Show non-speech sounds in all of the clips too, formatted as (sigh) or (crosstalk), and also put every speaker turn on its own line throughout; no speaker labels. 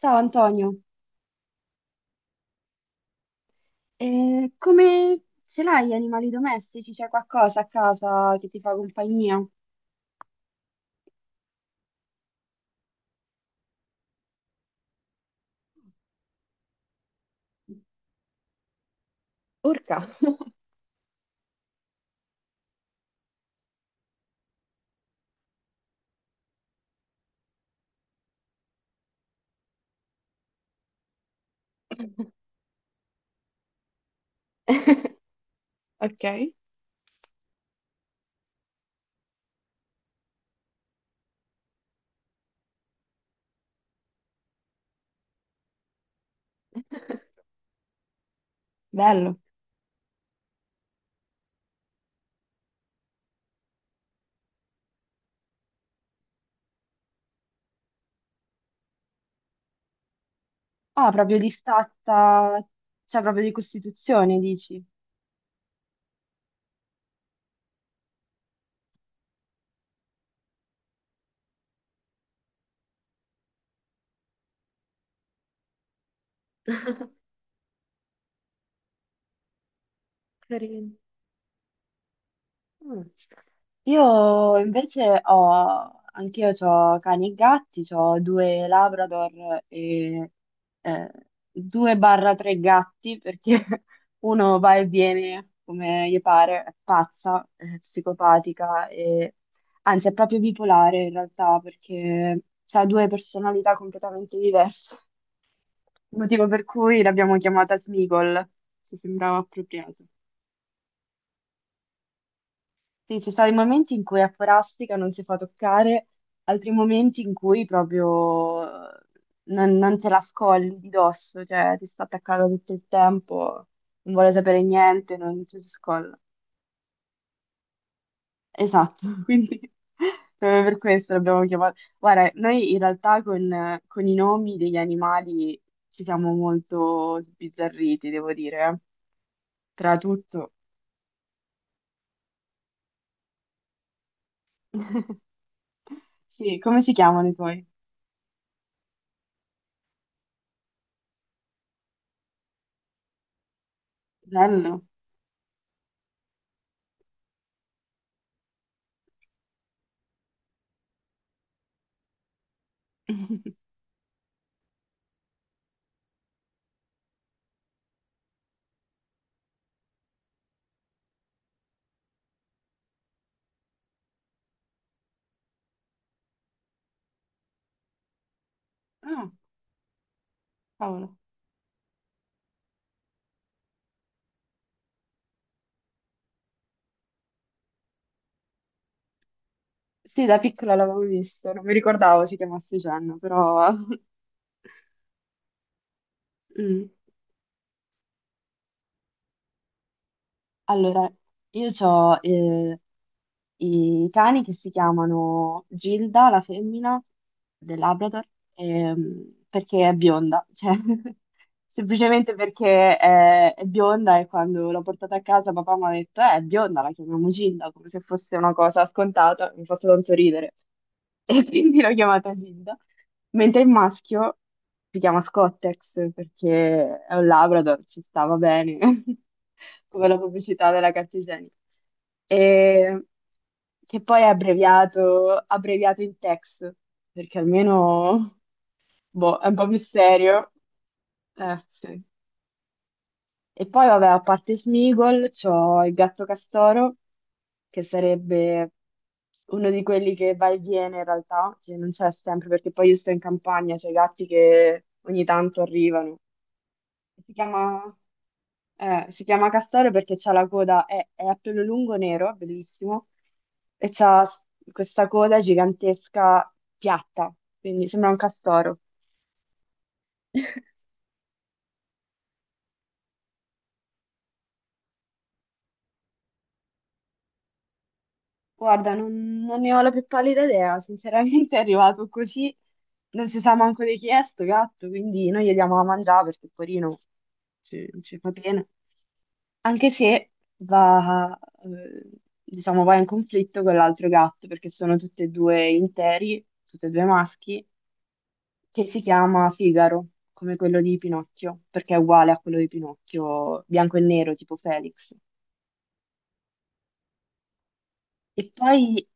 Ciao Antonio. Come ce l'hai gli animali domestici? C'è qualcosa a casa che ti fa compagnia? Urca. (laughs) Ok. Bello. Ah, proprio di stazza, cioè proprio di costituzione, dici? (laughs) Carino. Mm. Io invece ho, anch'io ho cani e gatti, ho due Labrador e eh, due barra tre gatti perché (laughs) uno va e viene come gli pare, è pazza, è psicopatica e anzi è proprio bipolare in realtà perché ha due personalità completamente diverse, (laughs) motivo per cui l'abbiamo chiamata Smigol, ci sembrava appropriato. Sì, ci sono i momenti in cui a forastica non si fa toccare, altri momenti in cui proprio eh, non te la scolli di dosso, cioè ti sta attaccata tutto il tempo, non vuole sapere niente, non ci si scolla. Esatto, (laughs) quindi proprio per questo l'abbiamo chiamato. Guarda, noi in realtà con i nomi degli animali ci siamo molto sbizzarriti, devo dire, eh. Tra tutto. (laughs) Sì, come si chiamano i tuoi? Bello. (laughs) Ah, cavolo. Sì, da piccola l'avevo visto, non mi ricordavo si chiamasse Jen, però... (laughs) Mm. Allora, io ho i cani che si chiamano Gilda, la femmina del Labrador, perché è bionda, cioè, (laughs) semplicemente perché è bionda e quando l'ho portata a casa papà mi ha detto, è bionda, la chiamiamo Gilda, come se fosse una cosa scontata, mi faccio tanto ridere. E (laughs) quindi l'ho chiamata Gilda, mentre il maschio si chiama Scottex perché è un Labrador, ci stava bene, (laughs) come la pubblicità della carta igienica. E che poi è abbreviato in Tex, perché almeno boh, è un po' più serio. Sì. E poi, vabbè, a parte Smeagol, c'ho il gatto castoro, che sarebbe uno di quelli che va e viene in realtà, che non c'è sempre, perché poi io sto in campagna, c'è i gatti che ogni tanto arrivano. Si chiama, si chiama castoro perché c'ha la coda, è a pelo lungo nero, bellissimo, e questa coda gigantesca piatta, quindi sembra un castoro. (laughs) Guarda, non ne ho la più pallida idea, sinceramente è arrivato così, non si sa manco di chi è sto gatto, quindi noi gli diamo da mangiare perché porino ci fa bene, anche se va, eh, diciamo, va in conflitto con l'altro gatto perché sono tutti e due interi, tutti e due maschi, che si chiama Figaro, come quello di Pinocchio, perché è uguale a quello di Pinocchio, bianco e nero, tipo Felix. E poi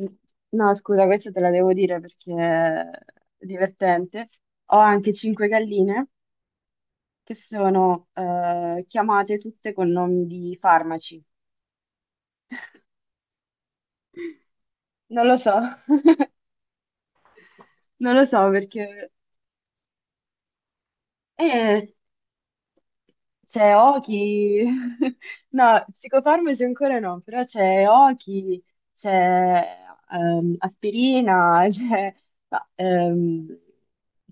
mm, no, scusa, questa te la devo dire perché è divertente. Ho anche cinque galline che sono chiamate tutte con nomi di farmaci. Non lo so, (laughs) non lo so perché... eh, c'è Oki, (laughs) no, psicofarmaci ancora no, però c'è Oki, c'è aspirina, (laughs) c'è no,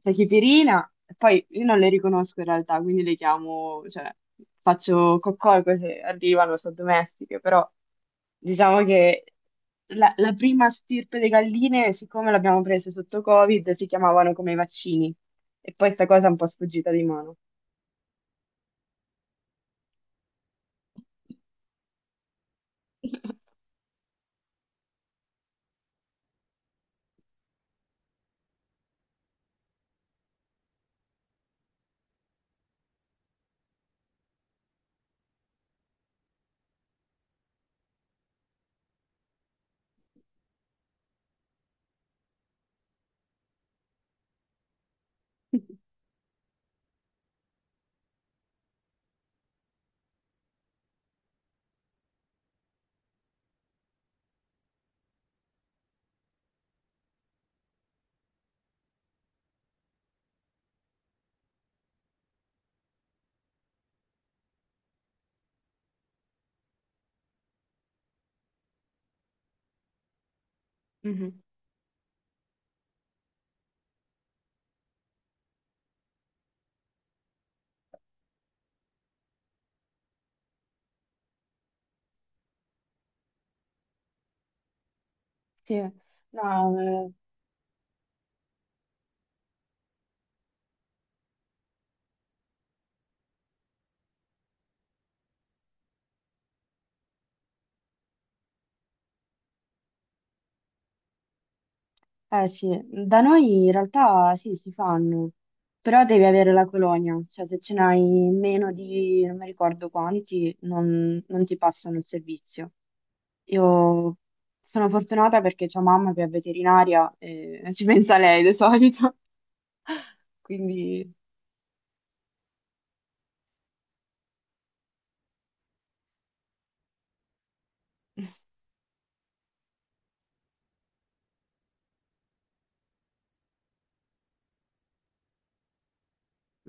c'è chipirina, e poi io non le riconosco in realtà, quindi le chiamo, cioè faccio coccolco se arrivano, sono domestiche, però diciamo che la prima stirpe di galline, siccome l'abbiamo presa sotto Covid, si chiamavano come i vaccini, e poi questa cosa è un po' sfuggita di mano. (laughs) Mhm. Sì, no, sì, da noi in realtà sì, si fanno, però devi avere la colonia, cioè se ce n'hai meno di non mi ricordo quanti, non ti passano il servizio. Io sono fortunata perché c'ho mamma che è veterinaria e (laughs) ci pensa lei di solito, (laughs) quindi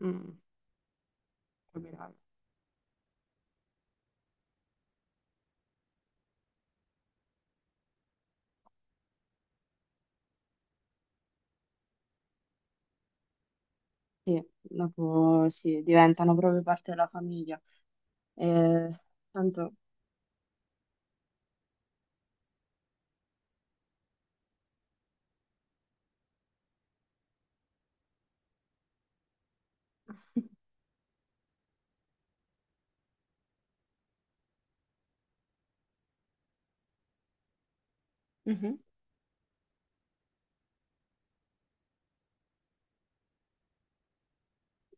mm, capirai. Sì, dopo sì, diventano proprio parte della famiglia. Eh, tanto... (laughs)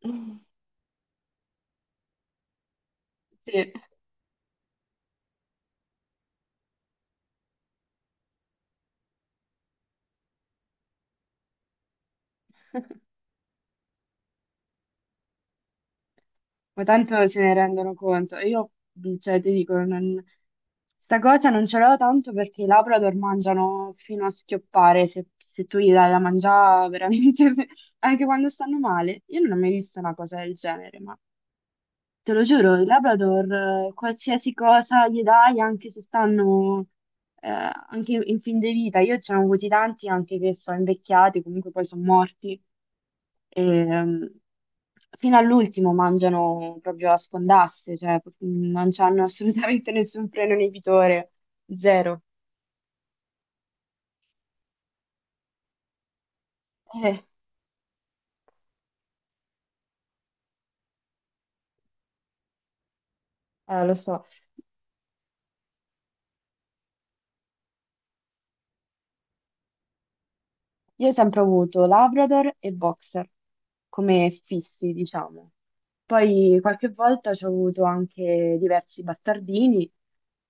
Mhm. Sì, (laughs) ma tanto se ne rendono conto. E io, cioè, ti dico, non... sta cosa non ce l'ho tanto perché i Labrador mangiano fino a schioppare, se tu gli dai da mangiare veramente, (laughs) anche quando stanno male. Io non ho mai visto una cosa del genere, ma te lo giuro, i Labrador, qualsiasi cosa gli dai, anche se stanno... anche in fin di vita, io ce ne ho avuti tanti anche che sono invecchiati, comunque poi sono morti. E fino all'ultimo mangiano proprio a sfondasse, cioè non hanno assolutamente (laughs) nessun freno inibitore, zero. Eh, lo so. Io ho sempre avuto Labrador e Boxer come fissi, diciamo. Poi qualche volta ci ho avuto anche diversi bastardini,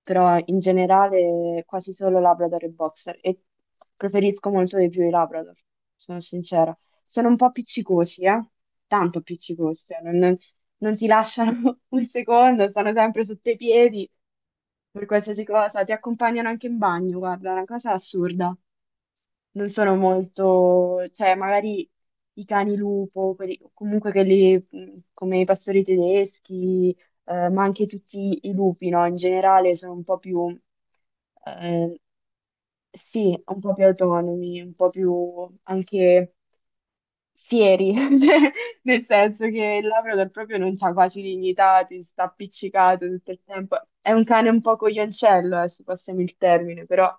però in generale quasi solo Labrador e Boxer e preferisco molto di più i Labrador, sono sincera. Sono un po' appiccicosi, eh? Tanto appiccicosi, cioè non ti lasciano (laughs) un secondo, stanno sempre sotto i piedi per qualsiasi cosa, ti accompagnano anche in bagno, guarda, è una cosa assurda non sono molto, cioè magari i cani lupo, comunque quelli come i pastori tedeschi, ma anche tutti i lupi, no? In generale sono un po' più, eh, sì, un po' più autonomi, un po' più anche fieri, (laughs) cioè, nel senso che il Labrador proprio non c'ha quasi dignità, ti sta appiccicato tutto il tempo. È un cane un po' coglioncello, se passiamo il termine, però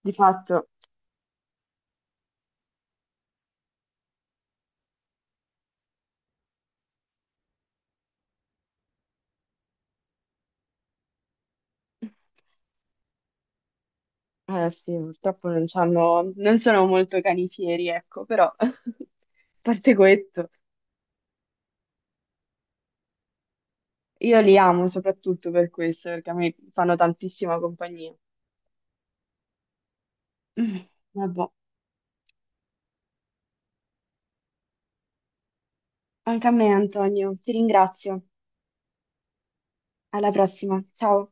di fatto... Eh sì, purtroppo non c'hanno, non sono molto canifieri, ecco, però (laughs) a parte questo, io li amo soprattutto per questo, perché a me fanno tantissima compagnia. (clears throat) Vabbè, anche a me, Antonio, ti ringrazio. Alla prossima, ciao.